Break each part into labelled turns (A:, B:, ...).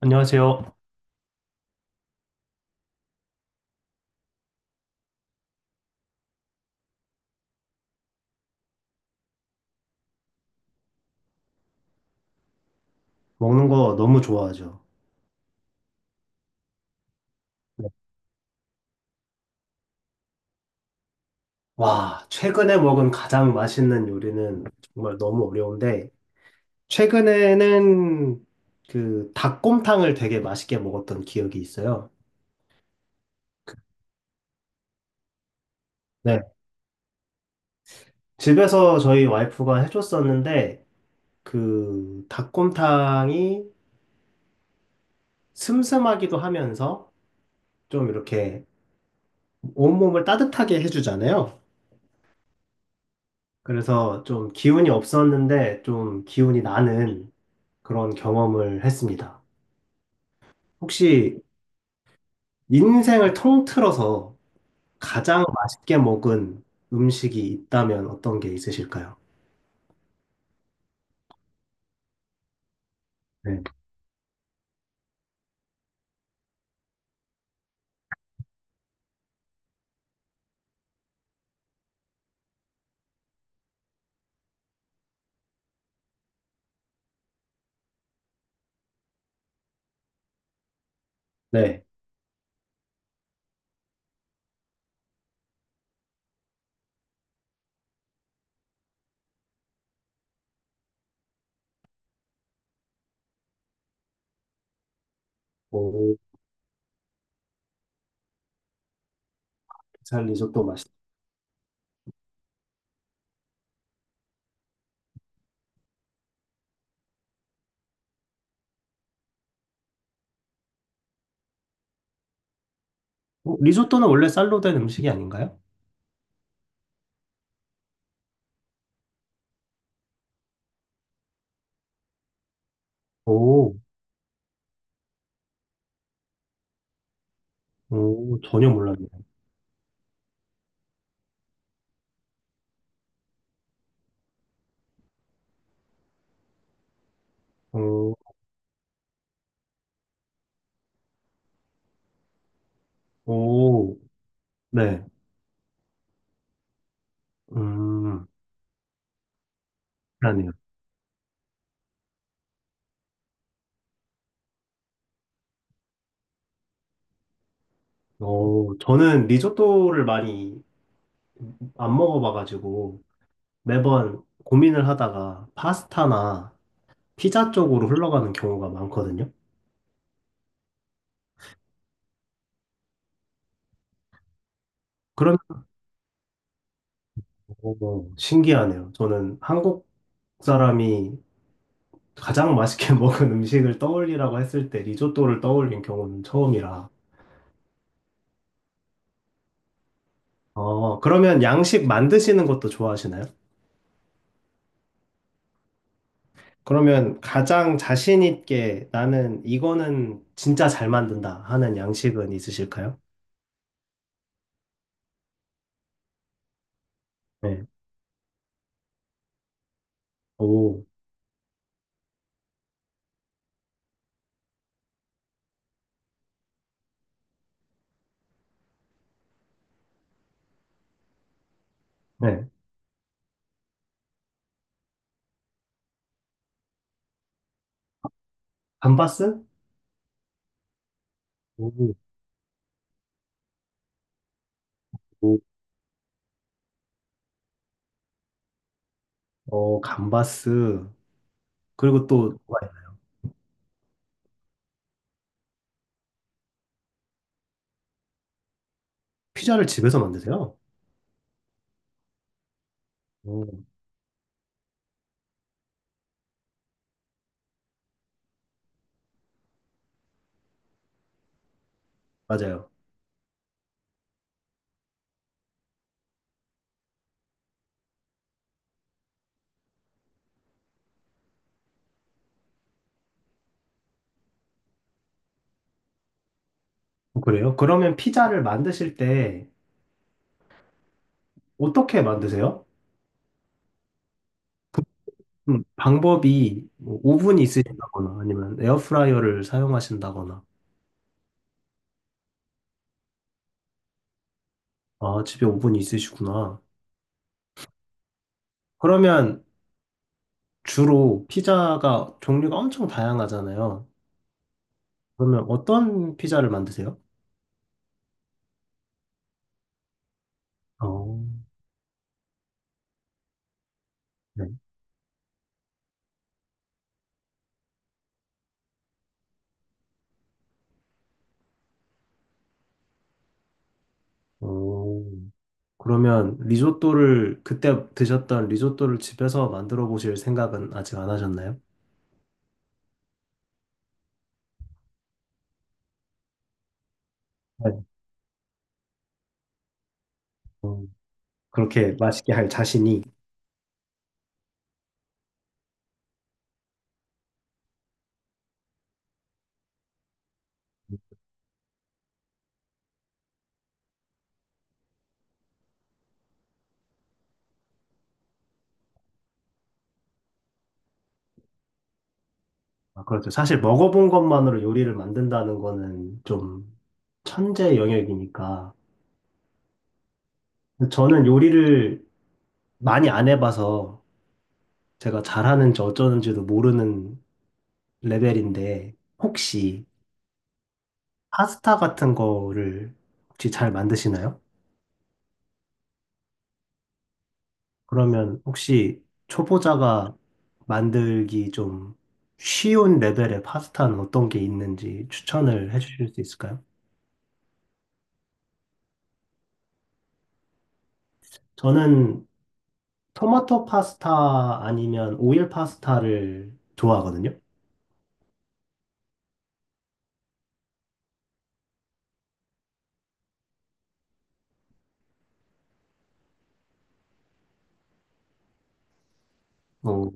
A: 안녕하세요. 먹는 거 너무 좋아하죠. 네. 와, 최근에 먹은 가장 맛있는 요리는 정말 너무 어려운데, 최근에는 그 닭곰탕을 되게 맛있게 먹었던 기억이 있어요. 네. 집에서 저희 와이프가 해줬었는데, 그 닭곰탕이 슴슴하기도 하면서 좀 이렇게 온몸을 따뜻하게 해주잖아요. 그래서 좀 기운이 없었는데, 좀 기운이 나는 그런 경험을 했습니다. 혹시 인생을 통틀어서 가장 맛있게 먹은 음식이 있다면 어떤 게 있으실까요? 네. 네. 오, 살 리조또 맛있다. 어, 리조또는 원래 쌀로 된 음식이 아닌가요? 오, 오, 전혀 몰랐네요. 오, 오, 네. 음, 그러네요. 오, 저는 리조또를 많이 안 먹어봐가지고 매번 고민을 하다가 파스타나 피자 쪽으로 흘러가는 경우가 많거든요. 어, 신기하네요. 저는 한국 사람이 가장 맛있게 먹은 음식을 떠올리라고 했을 때 리조또를 떠올린 경우는 처음이라. 어, 그러면 양식 만드시는 것도 좋아하시나요? 그러면 가장 자신 있게 나는 이거는 진짜 잘 만든다 하는 양식은 있으실까요? 네. 오, 네. 감바스? 오, 오. 어, 감바스. 그리고 또 피자를 집에서 만드세요? 오, 맞아요. 어, 그래요? 그러면 피자를 만드실 때 어떻게 만드세요? 방법이 뭐 오븐이 네. 있으시다거나 아니면 에어프라이어를 사용하신다거나 아 집에 오븐이 있으시구나. 그러면 주로 피자가 종류가 엄청 다양하잖아요. 그러면 어떤 피자를 만드세요? 어, 네. 오, 그러면 리조또를 그때 드셨던 리조또를 집에서 만들어 보실 생각은 아직 안 하셨나요? 네. 어, 그렇게 맛있게 할 자신이 아, 그렇죠. 사실 먹어본 것만으로 요리를 만든다는 거는 좀 천재 영역이니까. 저는 요리를 많이 안 해봐서 제가 잘하는지 어쩌는지도 모르는 레벨인데, 혹시 파스타 같은 거를 혹시 잘 만드시나요? 그러면 혹시 초보자가 만들기 좀 쉬운 레벨의 파스타는 어떤 게 있는지 추천을 해주실 수 있을까요? 저는 토마토 파스타 아니면 오일 파스타를 좋아하거든요. 어,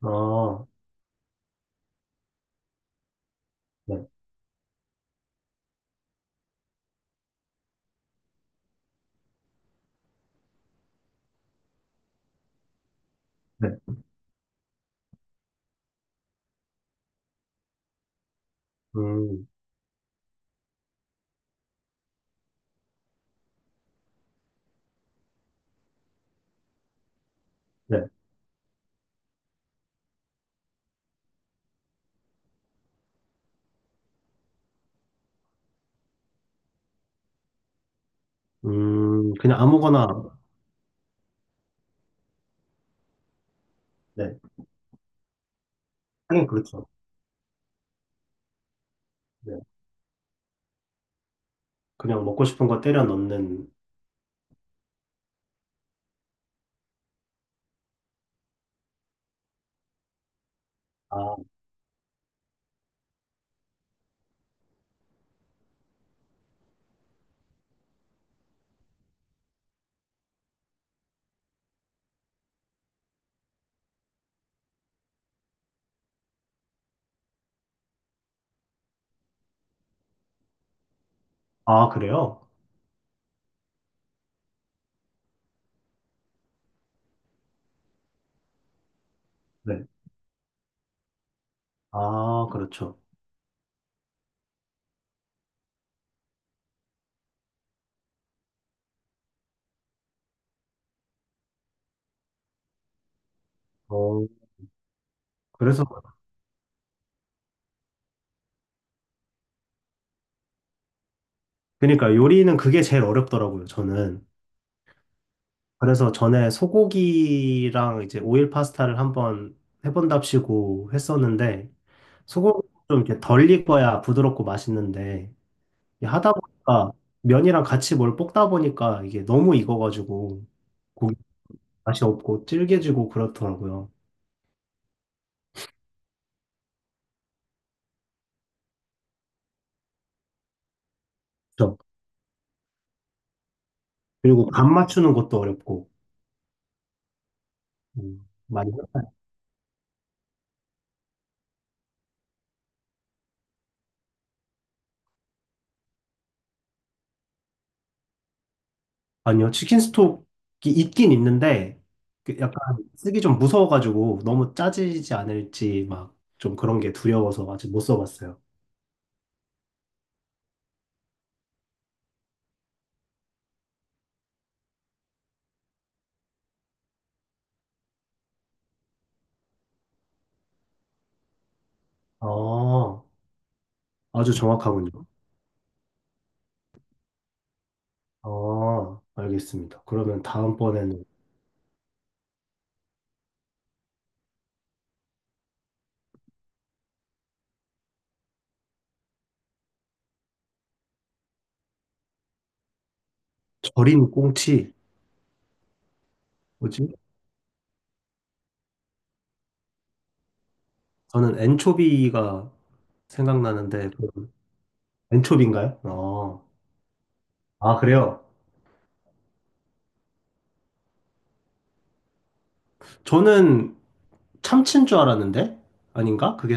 A: 어, 네, 네, 음, 네, 그냥 아무거나, 네, 하긴 그렇죠. 네, 그냥 먹고 싶은 거 때려 넣는, 아, 아, 그래요? 네, 아, 그렇죠. 어, 그래서, 그러니까 요리는 그게 제일 어렵더라고요, 저는. 그래서 전에 소고기랑 이제 오일 파스타를 한번 해본답시고 했었는데, 소고기 좀 이렇게 덜 익어야 부드럽고 맛있는데, 이게 하다 보니까 면이랑 같이 뭘 볶다 보니까 이게 너무 익어가지고 고기 맛이 없고 질겨지고 그렇더라고요. 그죠? 그리고 간 맞추는 것도 어렵고, 많이 아니요, 치킨 스톡이 있긴 있는데, 그 약간 쓰기 좀 무서워가지고 너무 짜지지 않을지 막 좀 그런 게 두려워서 아직 못 써봤어요. 아, 아주 정확하군요. 아, 알겠습니다. 그러면 다음번에는 절인 꽁치, 뭐지? 저는 엔초비가 생각나는데, 그 엔초비인가요? 어. 아, 그래요? 저는 참치인 줄 알았는데? 아닌가? 그게,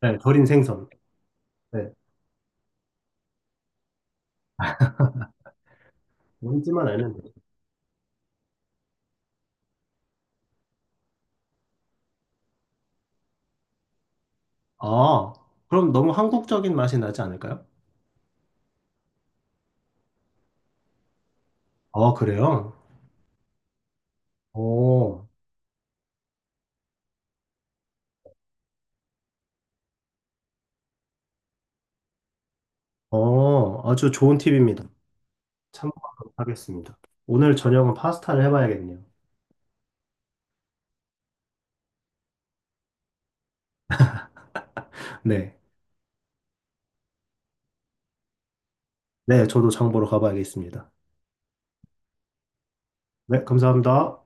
A: 네, 절인 생선. 네, 뭔지만 알면 아, 그럼 너무 한국적인 맛이 나지 않을까요? 아, 그래요? 오, 어, 아주 좋은 팁입니다. 참고하도록 하겠습니다. 오늘 저녁은 파스타를 해봐야겠네요. 네, 네, 저도 장보러 가봐야겠습니다. 네, 감사합니다.